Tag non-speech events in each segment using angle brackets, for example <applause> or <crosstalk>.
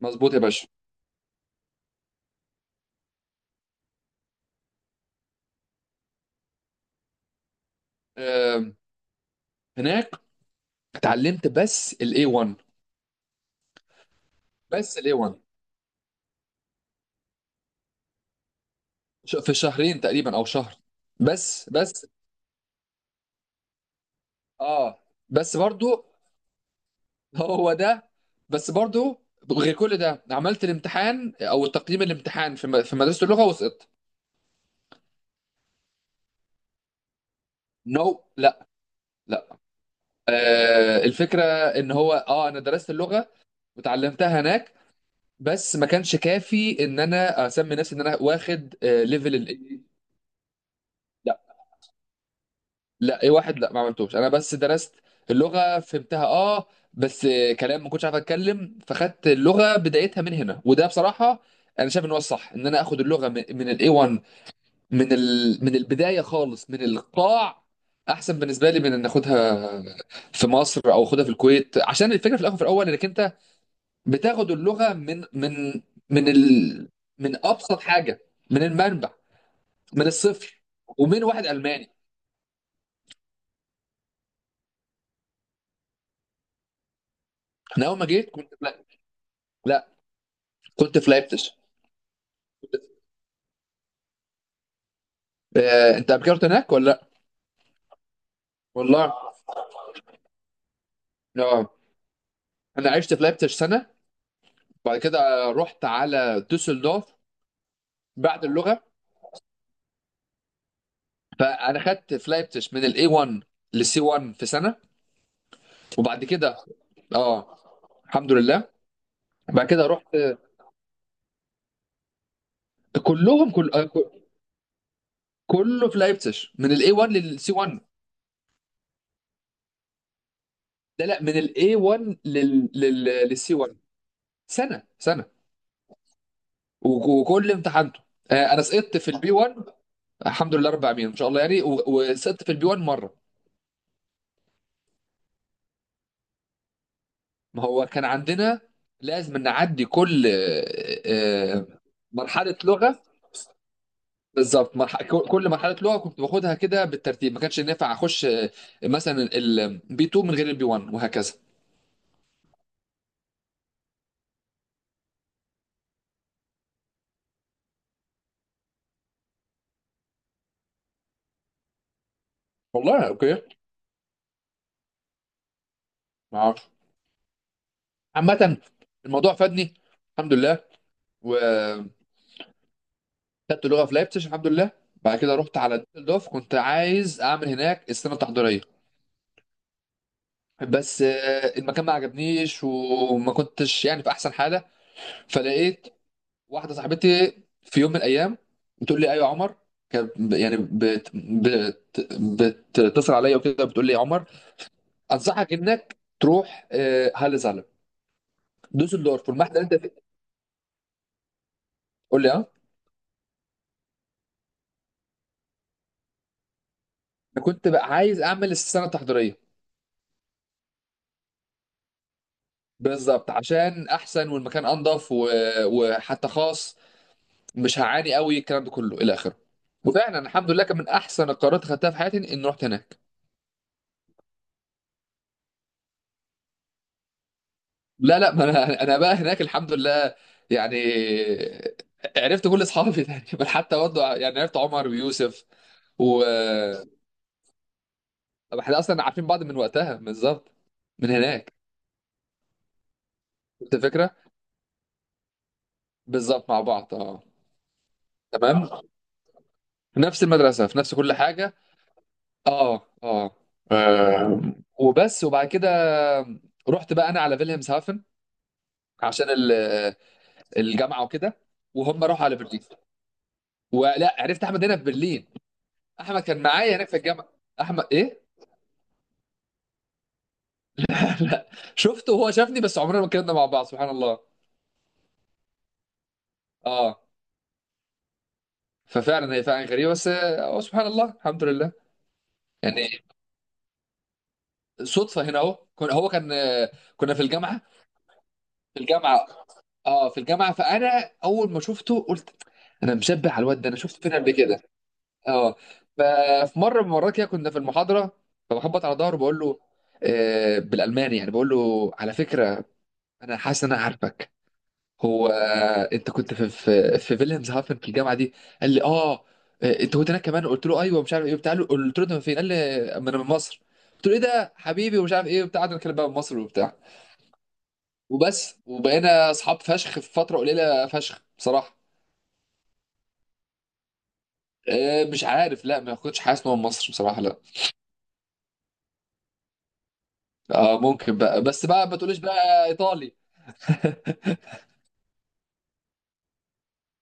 مظبوط يا باشا. آه، هناك اتعلمت بس الاي 1. بس الاي 1 في شهرين تقريبا او شهر. بس بس اه بس برضو هو ده. بس برضو غير كل ده عملت الامتحان او تقييم الامتحان في مدرسة اللغة وسقطت. نو، لا، لا. الفكرة ان هو انا درست اللغة وتعلمتها هناك، بس ما كانش كافي ان انا اسمي نفسي ان انا واخد ليفل الاي. لا، ايه واحد، لا ما عملتوش، انا بس درست اللغه فهمتها اه. بس كلام ما كنتش عارف اتكلم، فخدت اللغه بدايتها من هنا، وده بصراحه انا شايف ان هو الصح ان انا اخد اللغه من الاي 1، من البدايه خالص، من القاع، احسن بالنسبه لي من ان اخدها في مصر او اخدها في الكويت. عشان الفكره في الاخر في الاول انك انت بتاخد اللغه من من ابسط حاجه، من المنبع، من الصفر، ومن واحد الماني. انا اول ما جيت كنت، لا لا، كنت في لايبتش. انت قبل كده رحت هناك ولا لا؟ والله اه، انا عشت في لايبتش سنه، بعد كده رحت على دوسلدورف بعد اللغه. فانا خدت في لايبتش من الاي 1 للسي 1 في سنه، وبعد كده اه الحمد لله. بعد كده رحت آه، كلهم كل آه، ك- كله في لايبتش من الاي 1 للسي 1. لا لا، من الاي 1 للسي 1. سنه، سنه. وكل امتحانته، انا سقطت في البي 1. الحمد لله رب العالمين، ان شاء الله يعني، وسقطت في البي 1 مره. ما هو كان عندنا لازم نعدي كل مرحله لغه. بالظبط، كل مرحله لغه كنت باخدها كده بالترتيب، ما كانش ينفع اخش مثلا البي 2 من غير البي 1 وهكذا. والله اوكي، ما اعرفش. عامه الموضوع فادني الحمد لله، وخدت لغه في لايبتش الحمد لله. بعد كده رحت على دوف، كنت عايز اعمل هناك السنه التحضيريه، بس المكان ما عجبنيش، وما كنتش يعني في احسن حاله. فلقيت واحده صاحبتي في يوم من الايام بتقول لي ايوه يا عمر، كانت ب- يعني بت بت بتتصل عليا وكده بتقول لي يا عمر انصحك انك تروح هالة زعلب دوسلدورف والمحل اللي انت فيه. قول لي اه. انا كنت بقى عايز اعمل السنه التحضيريه. بالظبط عشان احسن والمكان انضف، وحتى خاص، مش هعاني قوي الكلام ده كله الى اخره. وفعلا الحمد لله كان من احسن القرارات اللي خدتها في حياتي اني رحت هناك. لا لا، ما انا <laughs> انا بقى هناك الحمد لله يعني عرفت كل اصحابي تقريبا. <laughs> حتى برضه يعني عرفت عمر ويوسف و. طب احنا اصلا عارفين بعض من وقتها بالظبط، من هناك. انت فكره. بالظبط مع بعض اه. تمام، في نفس المدرسه، في نفس كل حاجه. اه اه. آه، وبس، وبعد كده رحت بقى انا على فيلهمز هافن عشان الجامعه وكده، وهم راحوا على برلين. ولا عرفت احمد هنا في برلين، احمد كان معايا هناك في الجامعه. احمد ايه. <laughs> لا، شفته وهو شافني بس عمرنا ما اتكلمنا مع بعض سبحان الله. اه. ففعلا هي فعلا غريبه، بس هو سبحان الله الحمد لله يعني. صدفه هنا اهو، كنا هو كان كنا في الجامعه، في الجامعه. اه في الجامعه. فانا اول ما شفته قلت: انا مشبه على الواد ده، انا شفته فين قبل كده. اه. ففي مره من المرات كده كنا في المحاضره، فبخبط على ظهره بقول له آه بالالماني يعني بقول له: على فكره انا حاسس ان انا عارفك. هو انت كنت في فيلهمز هافن في الجامعه دي؟ قال لي اه. انت كنت هناك كمان؟ قلت له ايوه مش عارف ايه بتاع. قلت له انت من فين؟ قال لي ما انا من مصر. قلت له ايه ده حبيبي، ومش عارف ايه وبتاع. قعدنا نتكلم بقى من مصر وبتاع، وبس. وبقينا اصحاب فشخ في فتره قليله فشخ بصراحه. مش عارف، لا ما كنتش حاسس ان هو من مصر بصراحه لا. اه ممكن بقى، بس بقى ما تقوليش بقى ايطالي.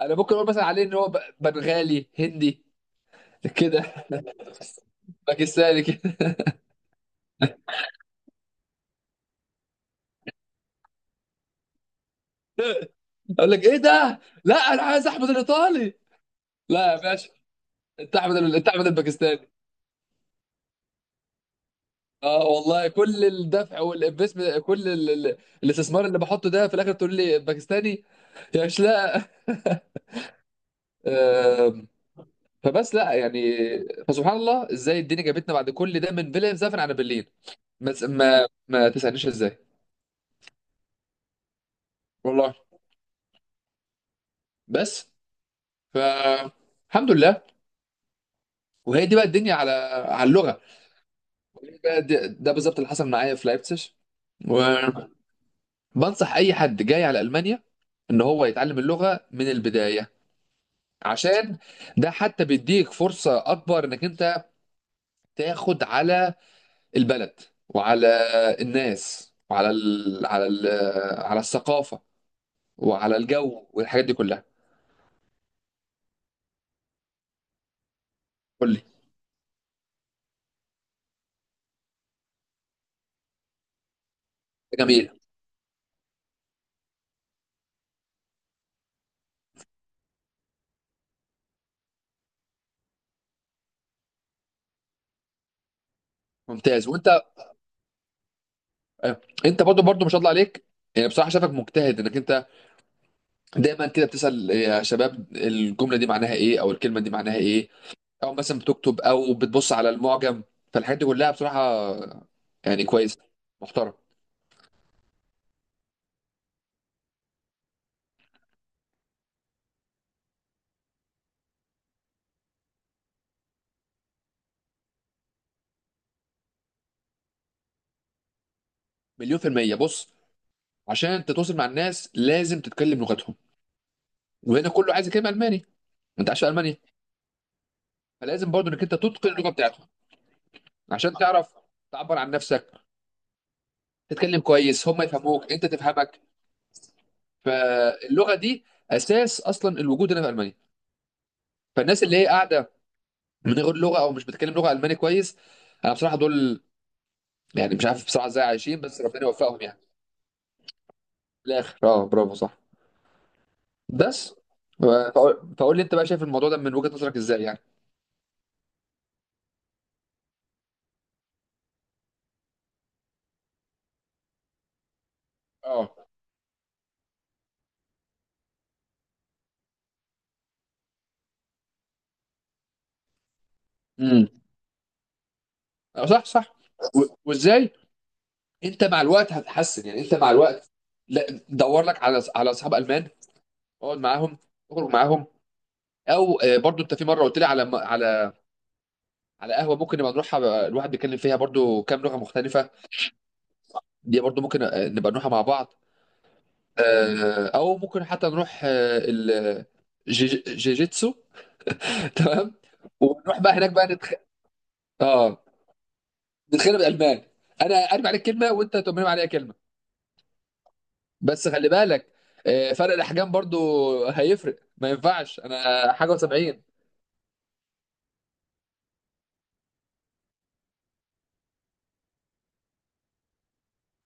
انا ممكن اقول مثلا عليه ان هو بنغالي هندي كده، باكستاني كده. <laughs> اقول لك ايه ده، لا انا عايز احمد الايطالي. لا يا باشا، انت احمد انت احمد الباكستاني. اه والله كل الدفع والانفستمنت كل الاستثمار اللي بحطه ده في الاخر تقول لي باكستاني يا شلاء. آم، فبس لا يعني. فسبحان الله ازاي الدنيا جابتنا بعد كل ده من فيلا مسافر على برلين. ما تس- ما, ما تسالنيش ازاي. والله. بس. فالحمد لله. وهي دي بقى الدنيا على على اللغه. وهي بقى ده بالظبط اللي حصل معايا في لايبسج. وبنصح اي حد جاي على المانيا ان هو يتعلم اللغه من البدايه، عشان ده حتى بيديك فرصه اكبر انك انت تاخد على البلد، وعلى الناس، وعلى على الثقافه، وعلى الجو، والحاجات دي كلها. قول لي. جميل ممتاز. وانت انت برضو ما شاء الله عليك يعني بصراحه شافك مجتهد، انك انت دايما كده بتسأل يا شباب الجملة دي معناها ايه، او الكلمة دي معناها ايه، او مثلا بتكتب او بتبص على المعجم. فالحاجات دي كلها بصراحة يعني كويس، محترم. مليون في المية، بص، عشان تتواصل مع الناس لازم تتكلم لغتهم، وهنا كله عايز يتكلم الماني، انت عايش في المانيا، فلازم برضو انك انت تتقن اللغة بتاعتهم عشان تعرف تعبر عن نفسك، تتكلم كويس، هم يفهموك انت تفهمك. فاللغة دي اساس اصلا الوجود هنا في المانيا. فالناس اللي هي قاعدة من غير لغه، او مش بتكلم لغه الماني كويس، انا بصراحه دول يعني مش عارف بصراحه ازاي عايشين، بس ربنا يوفقهم يعني. في الاخر اه برافو صح. بس فقول لي انت بقى شايف الموضوع ده من وجهه نظرك ازاي يعني. اه. امم. اه صح صح. وازاي انت مع الوقت هتتحسن. يعني انت مع الوقت، لا دور لك على على اصحاب المان، اقعد معاهم، اخرج معاهم. او برضو انت في مره قلت لي على على على قهوه ممكن نبقى نروحها بقى، الواحد بيتكلم فيها برضو كام لغه مختلفه، دي برضو ممكن نبقى نروحها مع بعض. او ممكن حتى نروح جيجيتسو. <laughs> تمام. ونروح بقى هناك بقى اه نتخانق بالالمان. انا ارمي عليك كلمه وانت ترمي عليا كلمه. بس خلي بالك، فرق الاحجام برضو هيفرق، ما ينفعش انا حاجه و70.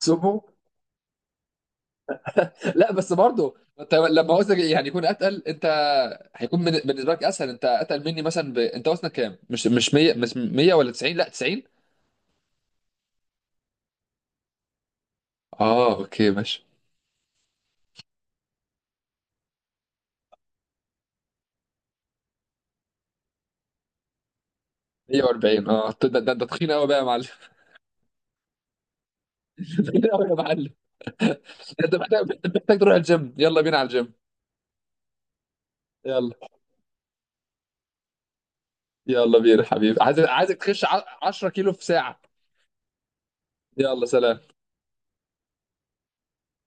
سمو. لا بس برضو ما انت لما وزنك يعني يكون اتقل انت، هيكون بالنسبه لك اسهل انت اتقل مني مثلا انت وزنك كام؟ مش مش 100؟ مش 100 ولا 90؟ لا 90. اه اوكي ماشي. 140. اه ده تخين قوي بقى يا معلم. <laughs> تخين قوي يا معلم. <laughs> انت محتاج، أنت محتاج تروح الجيم، يلا بينا على الجيم. يلا. يلا بينا حبيبي، عايزك تخش 10 كيلو في ساعة. يلا سلام.